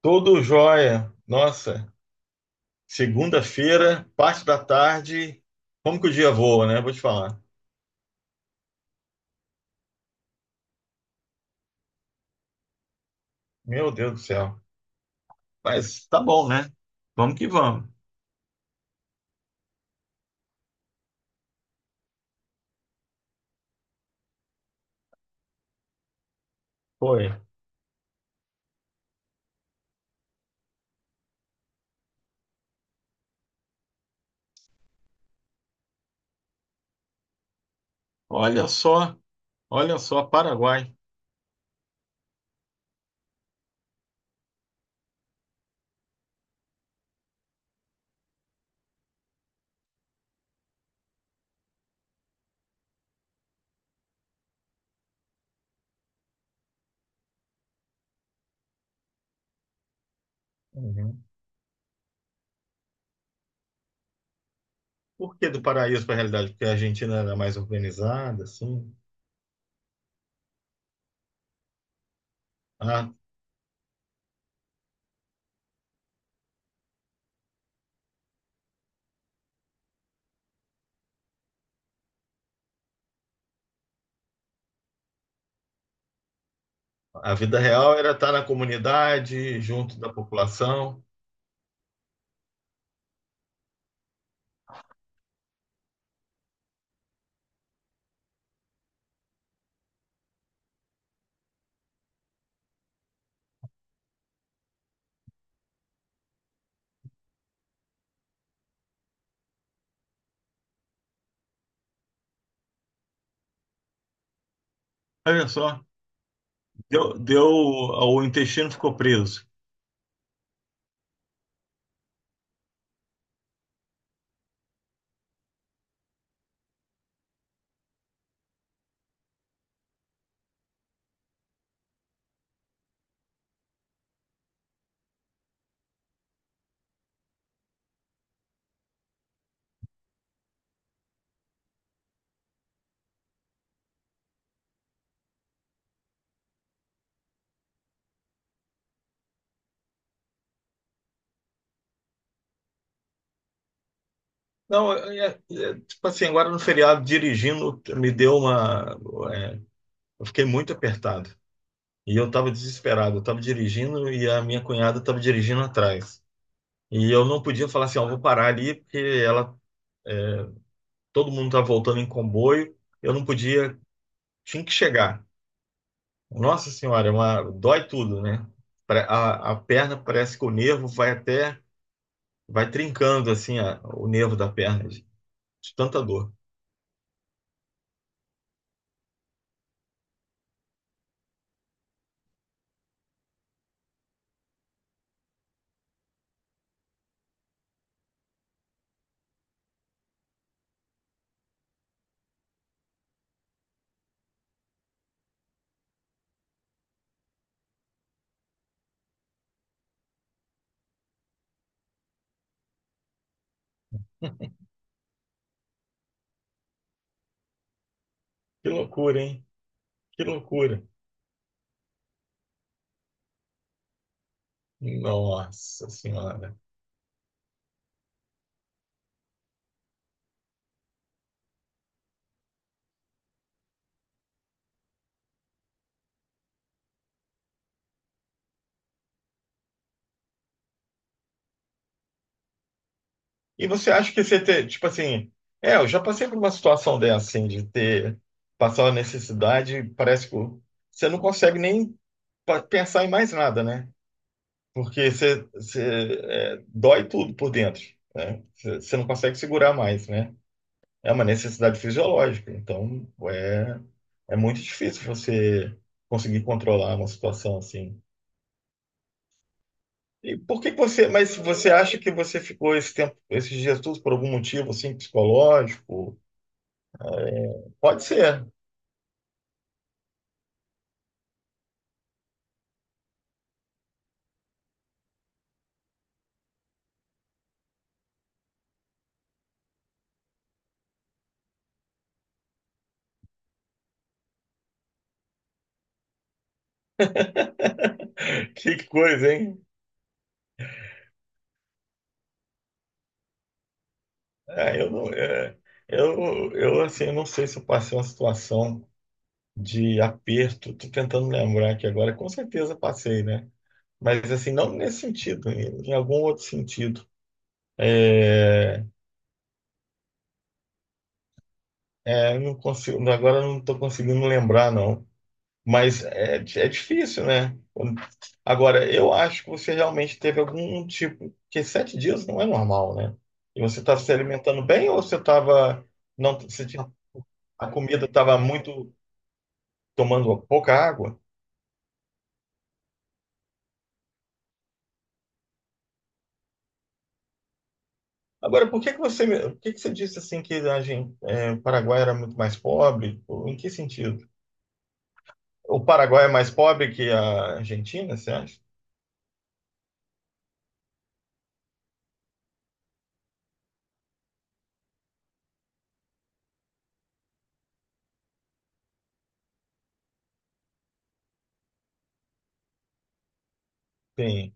Tudo jóia. Nossa, segunda-feira, parte da tarde. Como que o dia voa, né? Vou te falar. Meu Deus do céu. Mas tá bom, né? Vamos que vamos. Foi. Olha só, olha só, Paraguai. Uhum. Por que do paraíso para a realidade? Porque a Argentina era mais organizada, assim. A, a vida real era estar na comunidade, junto da população. Olha só, deu, o intestino ficou preso. Não, tipo assim, agora no feriado, dirigindo, me deu uma. é, eu fiquei muito apertado. E eu estava desesperado. Eu estava dirigindo e a minha cunhada estava dirigindo atrás. E eu não podia falar assim, ó, vou parar ali, porque ela, todo mundo tá voltando em comboio. Eu não podia, tinha que chegar. Nossa Senhora, é uma, dói tudo, né? A perna parece que o nervo vai até, vai trincando assim, o nervo da perna, de tanta dor. Que loucura, hein? Que loucura. Nossa senhora. E você acha que você ter, tipo assim, eu já passei por uma situação dessa, assim, de ter passado a necessidade, parece que você não consegue nem pensar em mais nada, né? Porque você dói tudo por dentro, né? Você não consegue segurar mais, né? É uma necessidade fisiológica, é muito difícil você conseguir controlar uma situação assim. E por que que você, mas você acha que você ficou esse tempo, esses dias todos por algum motivo assim psicológico? Pode ser. Que coisa, hein? É, eu não, é, eu assim, não sei se eu passei uma situação de aperto. Tô tentando lembrar aqui agora. Com certeza passei, né? Mas assim, não nesse sentido, em algum outro sentido. É, eu não consigo, agora eu não estou conseguindo lembrar, não. Mas é difícil, né? Quando... Agora, eu acho que você realmente teve algum tipo. Porque sete dias não é normal, né? E você estava se alimentando bem ou você estava. Não, você tinha, a comida estava muito. Tomando pouca água? Agora, por que que você disse assim que a gente, o Paraguai era muito mais pobre? Ou em que sentido? O Paraguai é mais pobre que a Argentina, você acha? Sim.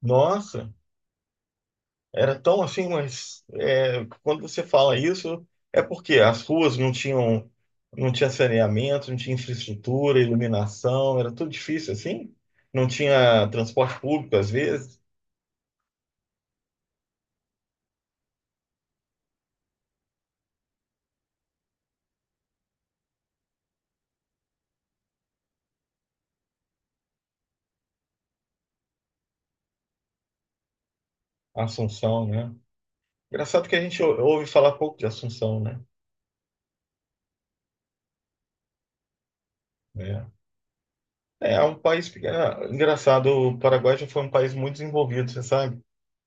Nossa! Era tão assim, mas quando você fala isso, é porque as ruas não tinham, não tinha saneamento, não tinha infraestrutura, iluminação, era tudo difícil assim. Não tinha transporte público, às vezes, Assunção, né? Engraçado que a gente ouve falar pouco de Assunção, né? É, é um país pequeno. Engraçado, o Paraguai já foi um país muito desenvolvido, você sabe?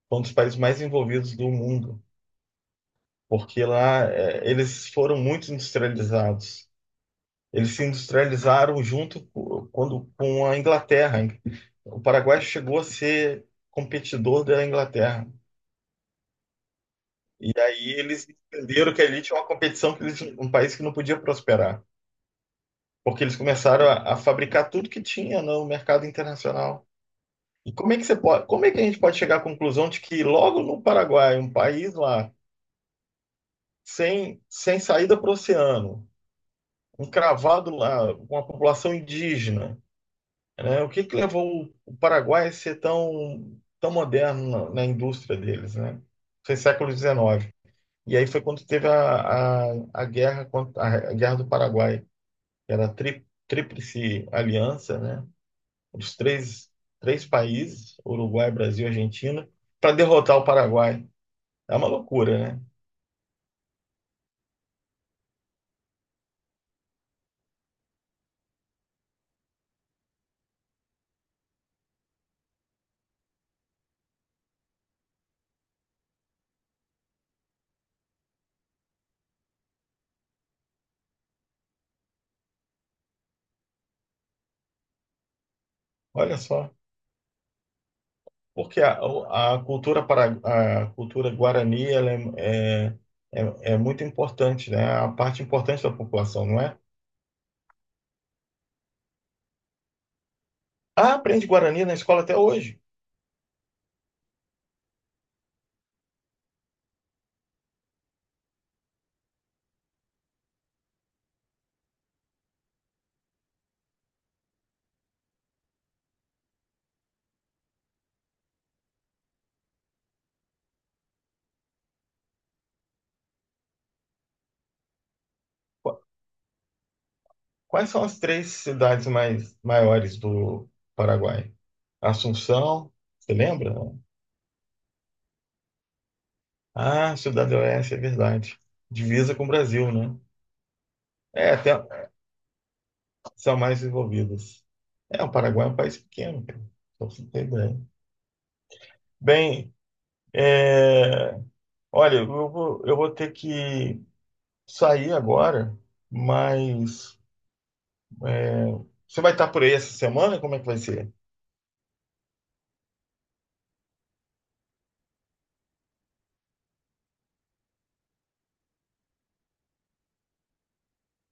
Foi um dos países mais desenvolvidos do mundo, porque lá, eles foram muito industrializados. Eles se industrializaram quando, com a Inglaterra. O Paraguai chegou a ser competidor da Inglaterra. E aí eles entenderam que ali tinha uma competição que eles, um país que não podia prosperar, porque eles começaram a fabricar tudo que tinha no mercado internacional. E como é que você pode, como é que a gente pode chegar à conclusão de que logo no Paraguai, um país lá sem saída para o oceano, encravado lá, com uma população indígena, né? O que que levou o Paraguai a ser tão moderno na indústria deles, né? Foi século XIX. E aí foi quando teve a guerra contra, a guerra do Paraguai, que era a tríplice aliança, né? Os três, Três países, Uruguai, Brasil e Argentina, para derrotar o Paraguai. É uma loucura, né? Olha só. Porque a cultura guarani ela é, é muito importante, né? É a parte importante da população, não é? Ah, aprende Guarani na escola até hoje. Qu- Quais são as três cidades mais maiores do Paraguai? Assunção, você lembra? Ah, Cidade do Oeste, é verdade. Divisa com o Brasil, né? É, até são mais desenvolvidas. É, o Paraguai é um país pequeno, cara. Só pra você ter ideia. Bem, é, olha, eu vou ter que sair agora, mas é, você vai estar por aí essa semana? Como é que vai ser?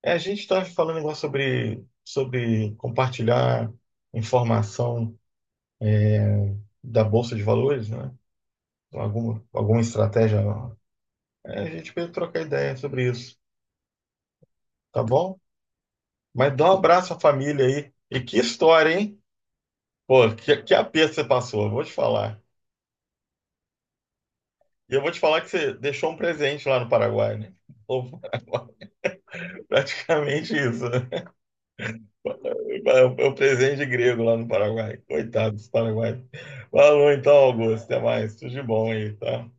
É, a gente está falando agora sobre compartilhar informação da Bolsa de Valores, né? Alguma estratégia. É, a gente pode trocar ideia sobre isso, tá bom? Mas dá um abraço à família aí. E que história, hein? Pô, que aperto você passou, eu vou te falar. E eu vou te falar que você deixou um presente lá no Paraguai, né? Ou Paraguai, praticamente isso. Né? É o presente grego lá no Paraguai. Coitado dos Paraguai. Falou então, Augusto. Até mais. Tudo de bom aí, tá?